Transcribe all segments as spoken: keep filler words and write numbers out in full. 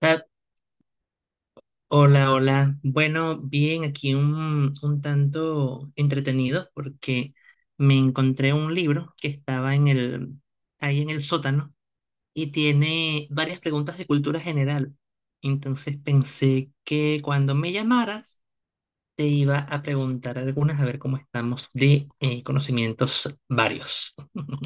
Kat, hola, hola. Bueno, bien, aquí un, un tanto entretenido porque me encontré un libro que estaba en el, ahí en el sótano y tiene varias preguntas de cultura general. Entonces pensé que cuando me llamaras te iba a preguntar algunas a ver cómo estamos de eh, conocimientos varios.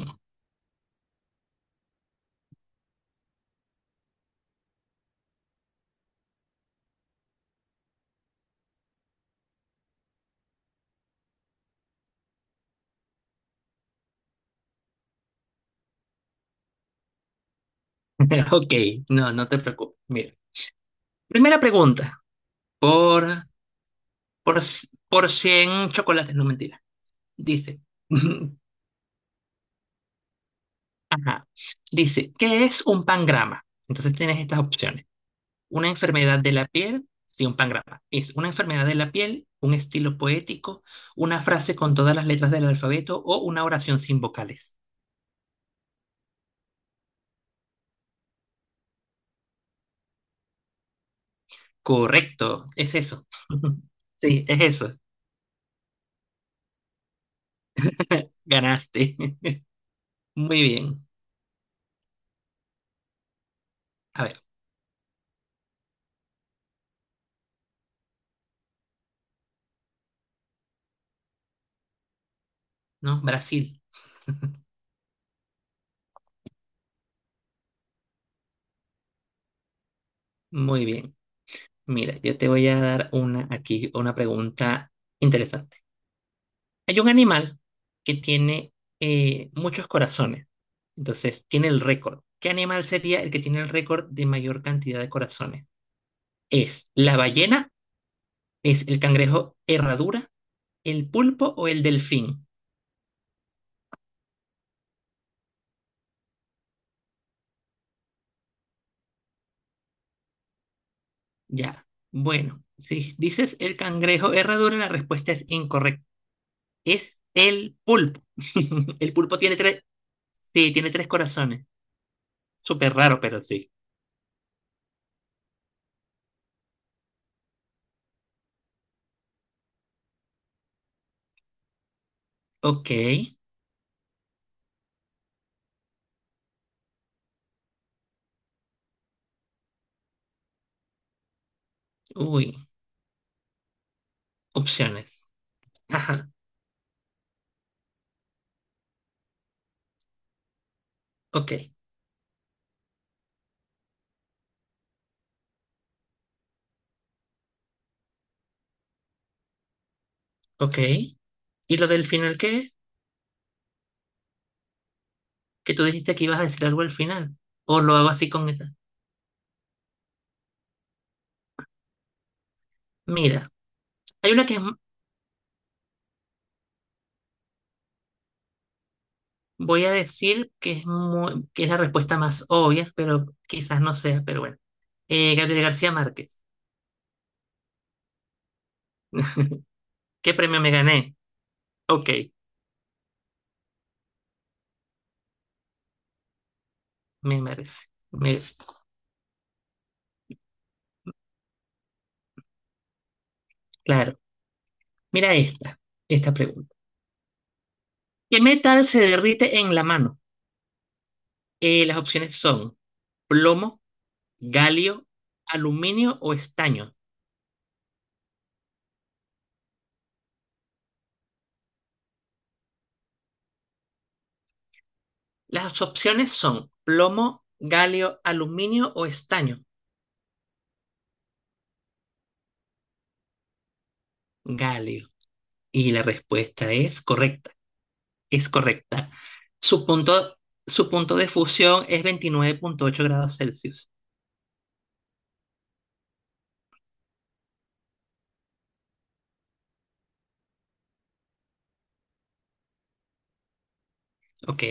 Ok, no, no te preocupes. Mira, primera pregunta, por, por, por cien chocolates, no mentira. Dice, dice, ¿qué es un pangrama? Entonces tienes estas opciones. Una enfermedad de la piel, sí, un pangrama. Es una enfermedad de la piel, un estilo poético, una frase con todas las letras del alfabeto o una oración sin vocales. Correcto, es eso. Sí, es eso. Ganaste. Muy bien. A ver, ¿no? Brasil. Muy bien. Mira, yo te voy a dar una aquí, una pregunta interesante. Hay un animal que tiene eh, muchos corazones. Entonces, tiene el récord. ¿Qué animal sería el que tiene el récord de mayor cantidad de corazones? ¿Es la ballena? ¿Es el cangrejo herradura? ¿El pulpo o el delfín? Ya. Bueno, si dices el cangrejo herradura, la respuesta es incorrecta. Es el pulpo. El pulpo tiene tres. Sí, tiene tres corazones. Súper raro, pero sí. Ok. Uy. Opciones. Ajá. Ok. Ok. ¿Y lo del final qué? Que tú dijiste que ibas a decir algo al final. O lo hago así con esta. Mira, hay una que es mu- voy a decir que es, mu- que es la respuesta más obvia, pero quizás no sea, pero bueno. Eh, Gabriel García Márquez. ¿Qué premio me gané? Ok, me merece. Me- claro. Mira esta, esta pregunta. ¿Qué metal se derrite en la mano? Eh, las opciones son plomo, galio, aluminio o estaño. Las opciones son plomo, galio, aluminio o estaño. Galio. Y la respuesta es correcta. Es correcta. Su punto, su punto de fusión es veintinueve punto ocho grados Celsius. Ok,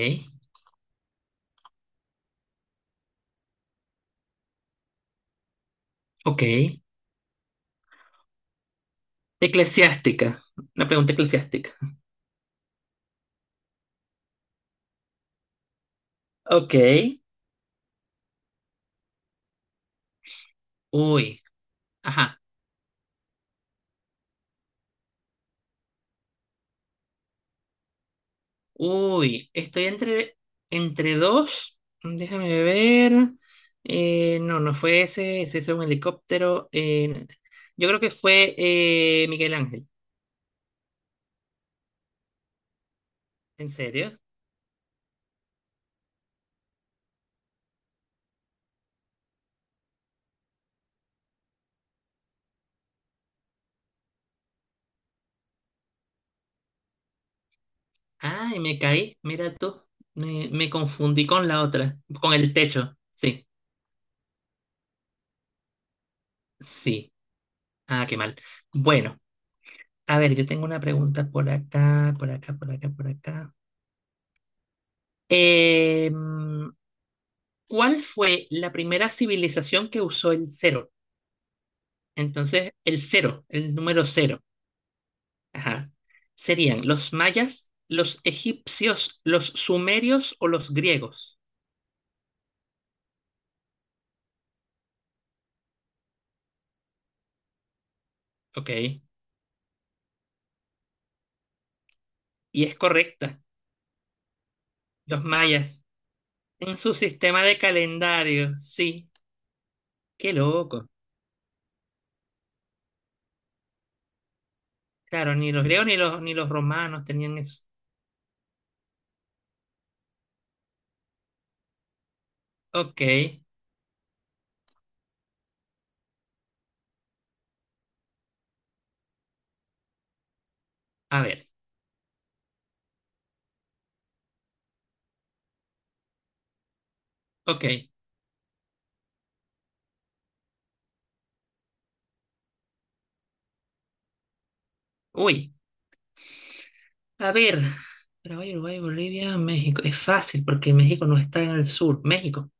ok. Eclesiástica. Una pregunta eclesiástica. Ok. Uy. Ajá. Uy, estoy entre, entre dos. Déjame ver. Eh, no, no fue ese, ese fue un helicóptero. Eh, yo creo que fue eh, Miguel Ángel. ¿En serio? Ay, me caí. Mira tú. Me, me confundí con la otra, con el techo. Sí, sí. Ah, qué mal. Bueno, a ver, yo tengo una pregunta por acá, por acá, por acá, por acá. Em, ¿cuál fue la primera civilización que usó el cero? Entonces, el cero, el número cero, ajá, serían los mayas, los egipcios, los sumerios o los griegos. Ok, y es correcta, los mayas. En su sistema de calendario, sí, qué loco. Claro, ni los griegos ni los, ni los romanos tenían eso. Ok, a ver, ok. Uy, a ver. Paraguay, Uruguay, Bolivia, México. Es fácil porque México no está en el sur. México.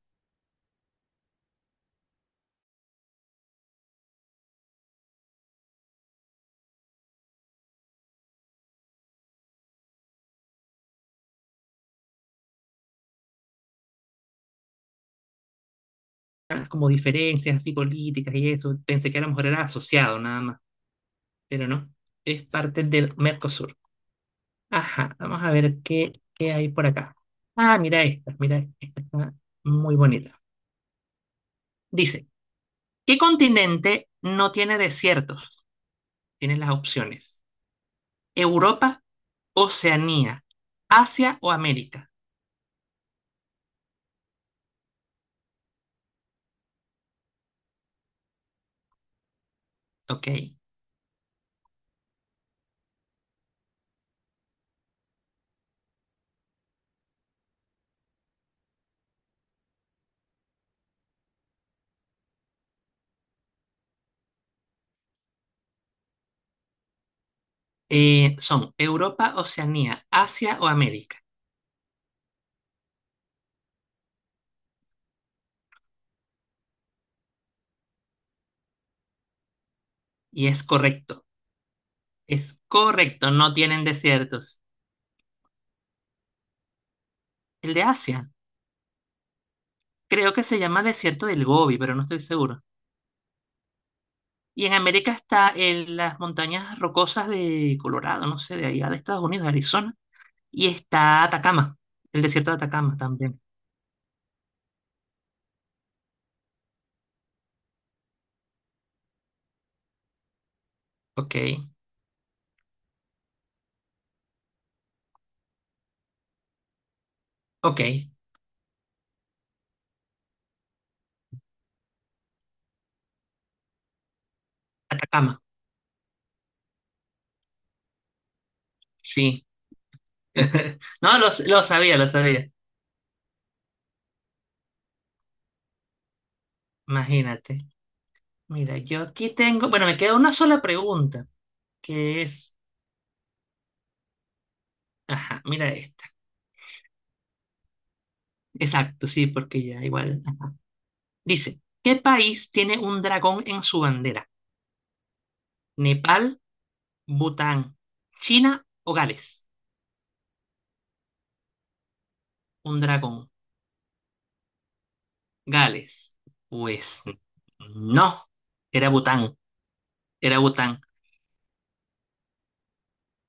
Como diferencias así políticas y eso. Pensé que a lo mejor era asociado nada más, pero no. Es parte del Mercosur. Ajá, vamos a ver qué, qué hay por acá. Ah, mira esta, mira, esta está muy bonita. Dice, ¿qué continente no tiene desiertos? Tienen las opciones. Europa, Oceanía, Asia o América. Ok. Eh, son Europa, Oceanía, Asia o América. Y es correcto, es correcto, no tienen desiertos. El de Asia. Creo que se llama Desierto del Gobi, pero no estoy seguro. Y en América está en las montañas rocosas de Colorado, no sé, de allá de Estados Unidos, de Arizona. Y está Atacama, el desierto de Atacama también. Ok, ok, Atacama, sí. No, lo, lo sabía, lo sabía. Imagínate. Mira, yo aquí tengo, bueno, me queda una sola pregunta, que es, ajá, mira esta. Exacto, sí, porque ya igual. Ajá. Dice, ¿qué país tiene un dragón en su bandera? ¿Nepal? Bután, China o Gales. Un dragón, Gales. Pues no, era Bután, era Bután.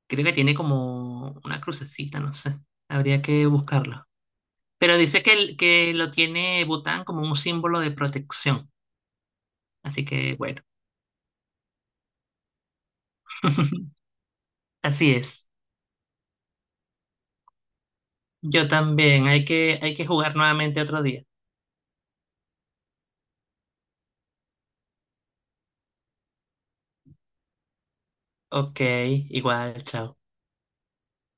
Creo que tiene como una crucecita, no sé. Habría que buscarlo. Pero dice que, el- que lo tiene Bután como un símbolo de protección. Así que bueno, así es. Yo también, hay que, hay que jugar nuevamente otro día. Ok, igual, chao.